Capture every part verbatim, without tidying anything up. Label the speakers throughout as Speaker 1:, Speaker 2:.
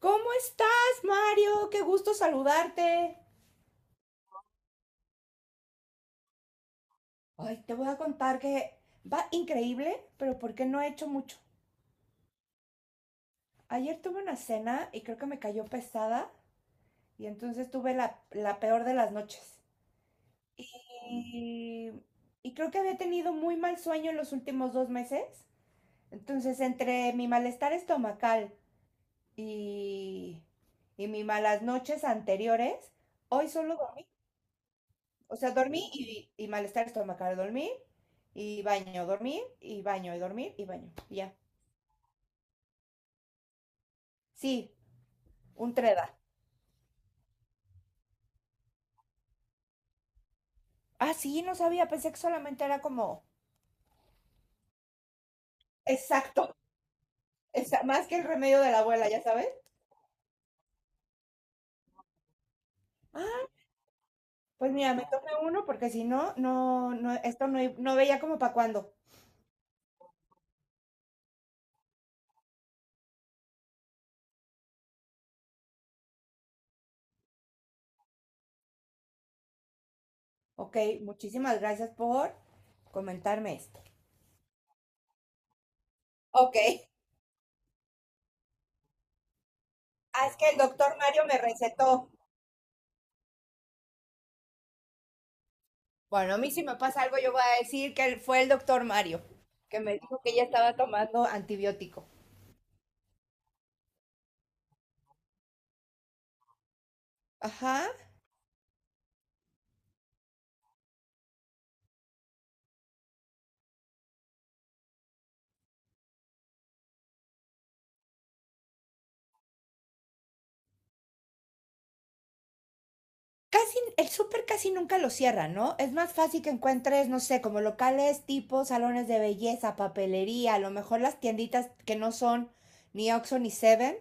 Speaker 1: ¿Cómo estás, Mario? Qué gusto saludarte. Ay, te voy a contar que va increíble, pero porque no he hecho mucho. Ayer tuve una cena y creo que me cayó pesada y entonces tuve la, la peor de las noches. Y, y creo que había tenido muy mal sueño en los últimos dos meses. Entonces, entre mi malestar estomacal y, y mis malas noches anteriores, hoy solo dormí. O sea, dormí y, y malestar estomacal, dormí y baño, dormí y baño, y dormir y baño, y ya. Sí, un treda. Ah, sí, no sabía, pensé que solamente era como. Exacto, esa- más que el remedio de la abuela, ¿ya sabes? Ah, pues mira, me tomé uno porque si no, no, no, esto no, i- no veía como para cuándo. Ok, muchísimas gracias por comentarme esto. Ok, ah, es que el doctor Mario me recetó. Bueno, a mí si me pasa algo, yo voy a decir que fue el doctor Mario, que me dijo que ella estaba tomando antibiótico. Ajá. Casi, el súper casi nunca lo cierra, ¿no? Es más fácil que encuentres, no sé, como locales tipo salones de belleza, papelería, a lo mejor las tienditas que no son ni Oxxo ni Seven,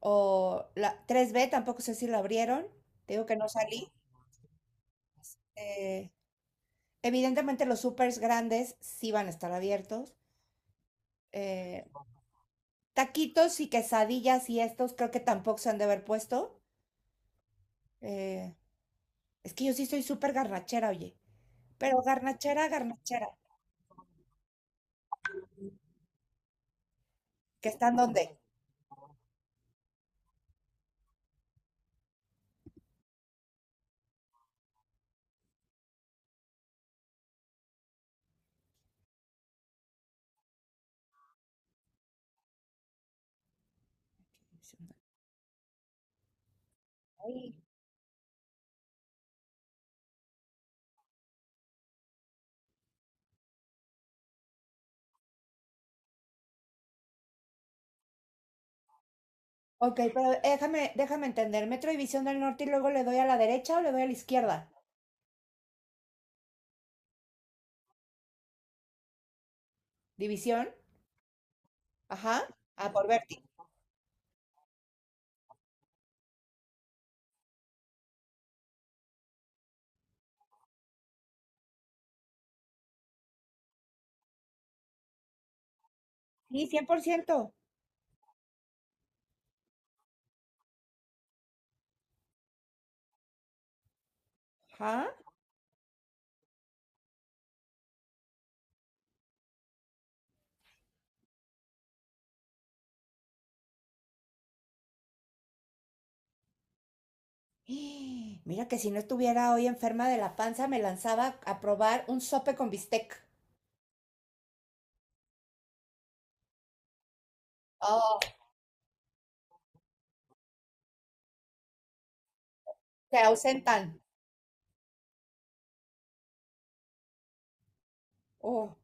Speaker 1: o la tres b tampoco sé si lo abrieron, te digo que no salí. Eh, evidentemente los supers grandes sí van a estar abiertos. Eh, taquitos y quesadillas y estos creo que tampoco se han de haber puesto. Eh, es que yo sí soy súper garnachera, oye. Pero garnachera, garnachera, que están donde. Ok, pero déjame, déjame entender. Metro División del Norte y luego le doy a la derecha o le doy a la izquierda. División, ajá, a por Berti. Sí, cien por ciento. Ajá. Mira que si no estuviera hoy enferma de la panza, me lanzaba a probar un sope con bistec. Oh, se ausentan. Oh,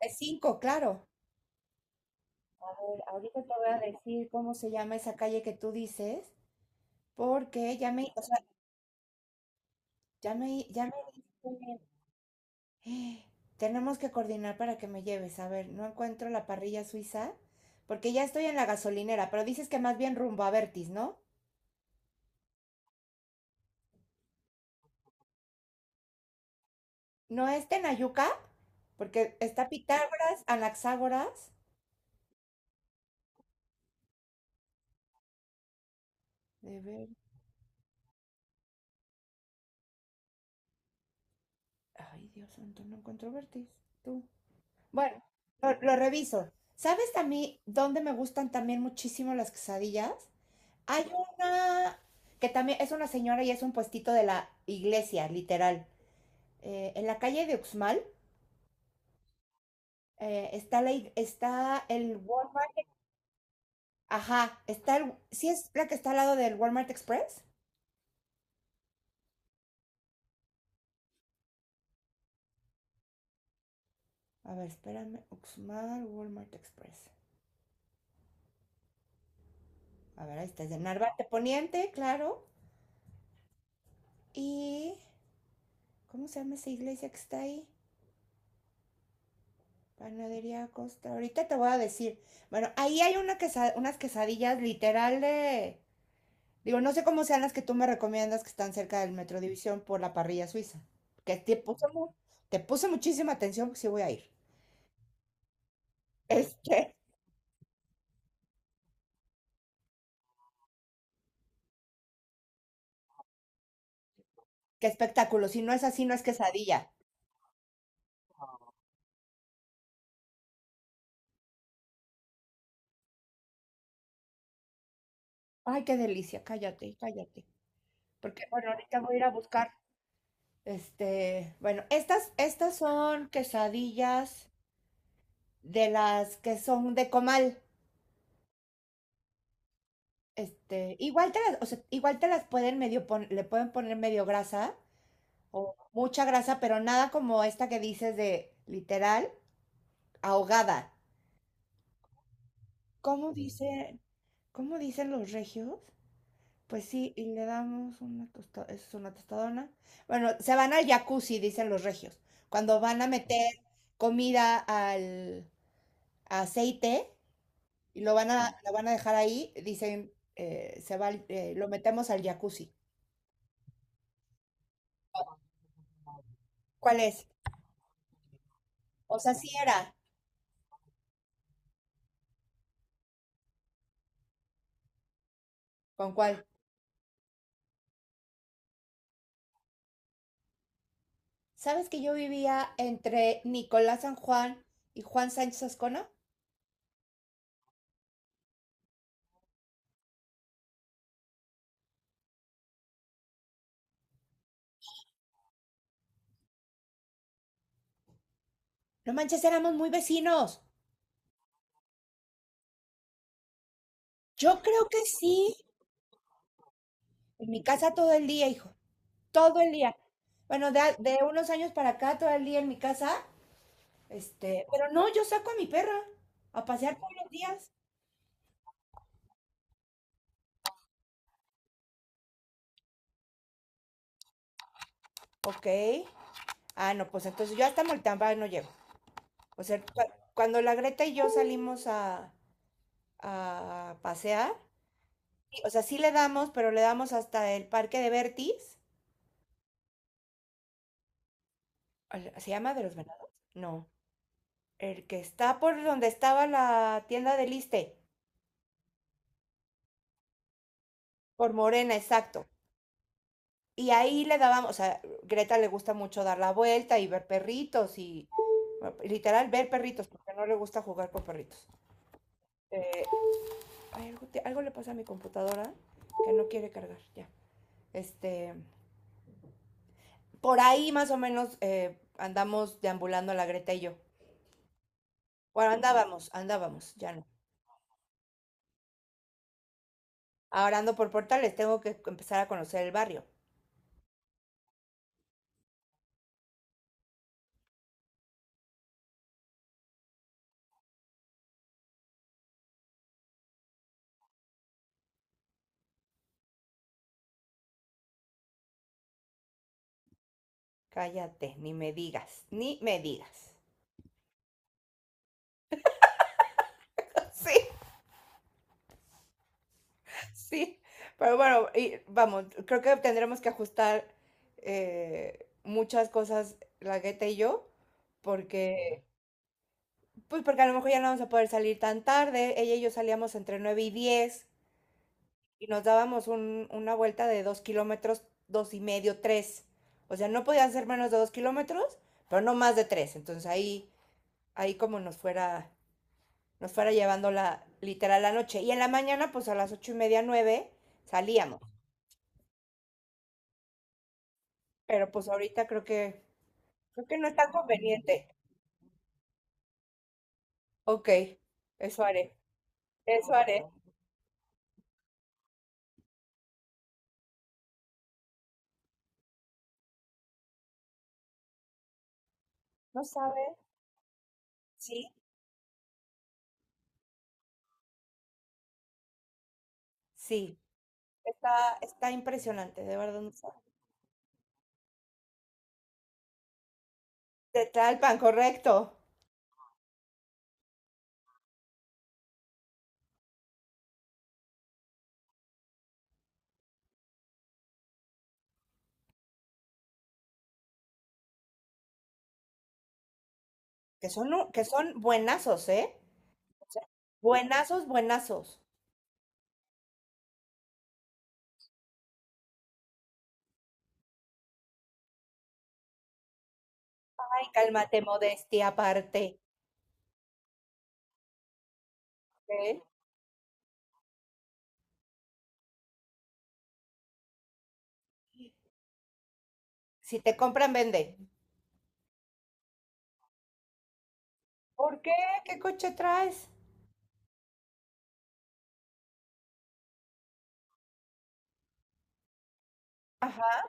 Speaker 1: es cinco, claro. Ahorita te voy a decir cómo se llama esa calle que tú dices, porque ya me, o sea, ya me, ya me diste- Tenemos que coordinar para que me lleves. A ver, no encuentro la parrilla suiza, porque ya estoy en la gasolinera, pero dices que más bien rumbo a Vertis, ¿no? ¿No es Tenayuca? Porque está Pitágoras, Anaxágoras. De ver... Ay, Dios santo, no encuentro Vertis. Tú. Bueno, lo, lo reviso. ¿Sabes a mí dónde me gustan también muchísimo las quesadillas? Hay una que también es una señora y es un puestito de la iglesia, literal. Eh, en la calle de Uxmal eh, está, la, ig- está el Walmart. Ajá, está el. ¿Sí es la que está al lado del Walmart Express? A ver, espérame. Uxmal, Walmart Express. A ver, ahí está, es de Narvarte Poniente, claro. Y. ¿Cómo se llama esa iglesia que está ahí? Panadería Costa. Ahorita te voy a decir. Bueno, ahí hay una quesa- unas quesadillas literal de. Digo, no sé cómo sean las que tú me recomiendas que están cerca del Metro División por la parrilla suiza, que te puse, mu- te puse muchísima atención, porque sí voy a ir. Este, qué espectáculo, si no es así, no es quesadilla. Ay, qué delicia, cállate, cállate. Porque, bueno, ahorita voy a ir a buscar. Este, bueno, estas, estas son quesadillas de las que son de comal. Este, igual te las, o sea, igual te las pueden medio pon- le pueden poner medio grasa o mucha grasa, pero nada como esta que dices de literal ahogada. ¿Cómo dicen, cómo dicen los regios? Pues sí, y le damos una tostadona. Es una tostadona. Bueno, se van al jacuzzi, dicen los regios. Cuando van a meter comida al aceite y lo van a, lo van a dejar ahí, dicen, eh, se va, al- eh, lo metemos al jacuzzi. ¿Cuál es? O sea, sí era. ¿Con cuál? ¿Sabes que yo vivía entre Nicolás San Juan y Juan Sánchez Ascona? No manches, éramos muy vecinos. Yo creo que sí. En mi casa todo el día, hijo. Todo el día. Bueno, de, a- de unos años para acá, todo el día en mi casa. Este, pero no, yo saco a mi perra a pasear todos los días. Ok. Ah, no, pues entonces yo hasta Moltamba no llego. O sea, cua- cuando la Greta y yo salimos a, a pasear, sí, o sea, sí le damos, pero le damos hasta el parque de Bertis al- ¿Se llama de los venados? No. El que está por donde estaba la tienda del Iste, por Morena, exacto. Y ahí le dábamos, o sea, Greta le gusta mucho dar la vuelta y ver perritos y bueno, literal ver perritos, porque no le gusta jugar con perritos. Eh, ay, algo, te- algo le pasa a mi computadora que no quiere cargar, ya. Este, por ahí más o menos eh, andamos deambulando la Greta y yo. Bueno, andábamos, andábamos, ya no. Ahora ando por portales, tengo que empezar a conocer el barrio. Cállate, ni me digas, ni me digas. Sí, sí. Pero bueno, y vamos, creo que tendremos que ajustar eh, muchas cosas, la Gueta y yo, porque, pues porque a lo mejor ya no vamos a poder salir tan tarde. Ella y yo salíamos entre nueve y diez y nos dábamos un- una vuelta de dos kilómetros, dos y medio, tres. O sea, no podían ser menos de dos kilómetros, pero no más de tres. Entonces ahí, ahí como nos fuera nos fuera llevando la, literal la noche. Y en la mañana, pues a las ocho y media, nueve, salíamos. Pero pues ahorita creo que, creo que, no es tan conveniente. Ok, eso haré, eso haré. ¿No sabe? Sí, sí. Está, está impresionante, de verdad no sabe. De Tlalpan, correcto. Que son, un- que son buenazos, ¿eh? O sea, buenazos, buenazos. Ay, cálmate, modestia aparte. ¿Ok? Si te compran, vende. ¿Por qué? ¿Qué coche traes? Ajá,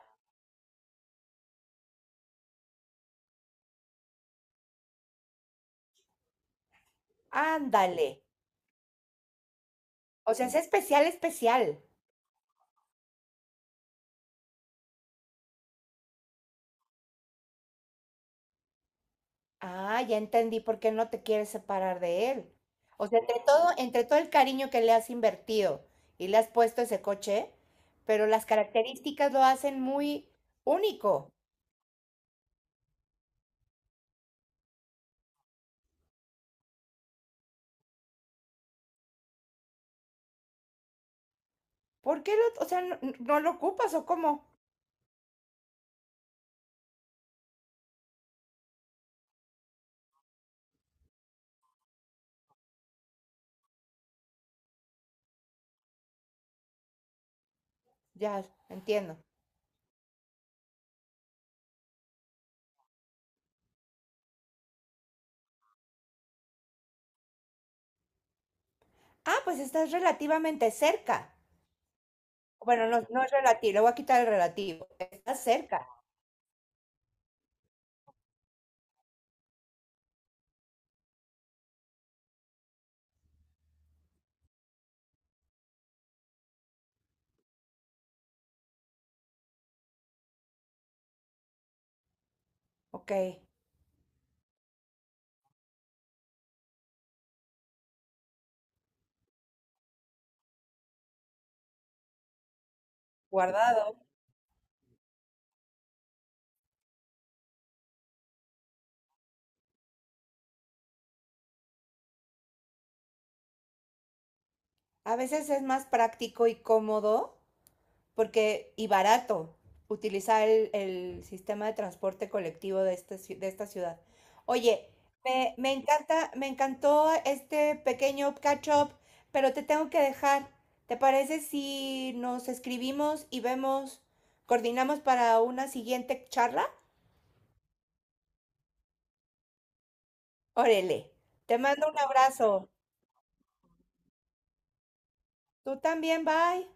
Speaker 1: ándale. O sea, es especial, especial. Ah, ya entendí por qué no te quieres separar de él. O sea, entre todo, entre todo el cariño que le has invertido y le has puesto ese coche, pero las características lo hacen muy único. ¿Por qué lo, o sea, no, no lo ocupas o cómo? Ya, entiendo. Ah, pues estás relativamente cerca. Bueno, no, no es relativo, le voy a quitar el relativo. Estás cerca. Ok, guardado. A veces es más práctico y cómodo porque y barato utilizar el, el sistema de transporte colectivo de, este, ci- de esta ciudad. Oye, me, me encanta, me encantó este pequeño catch up, pero te tengo que dejar. ¿Te parece si nos escribimos y vemos, coordinamos para una siguiente charla? Órale, te mando un abrazo. Tú también, bye.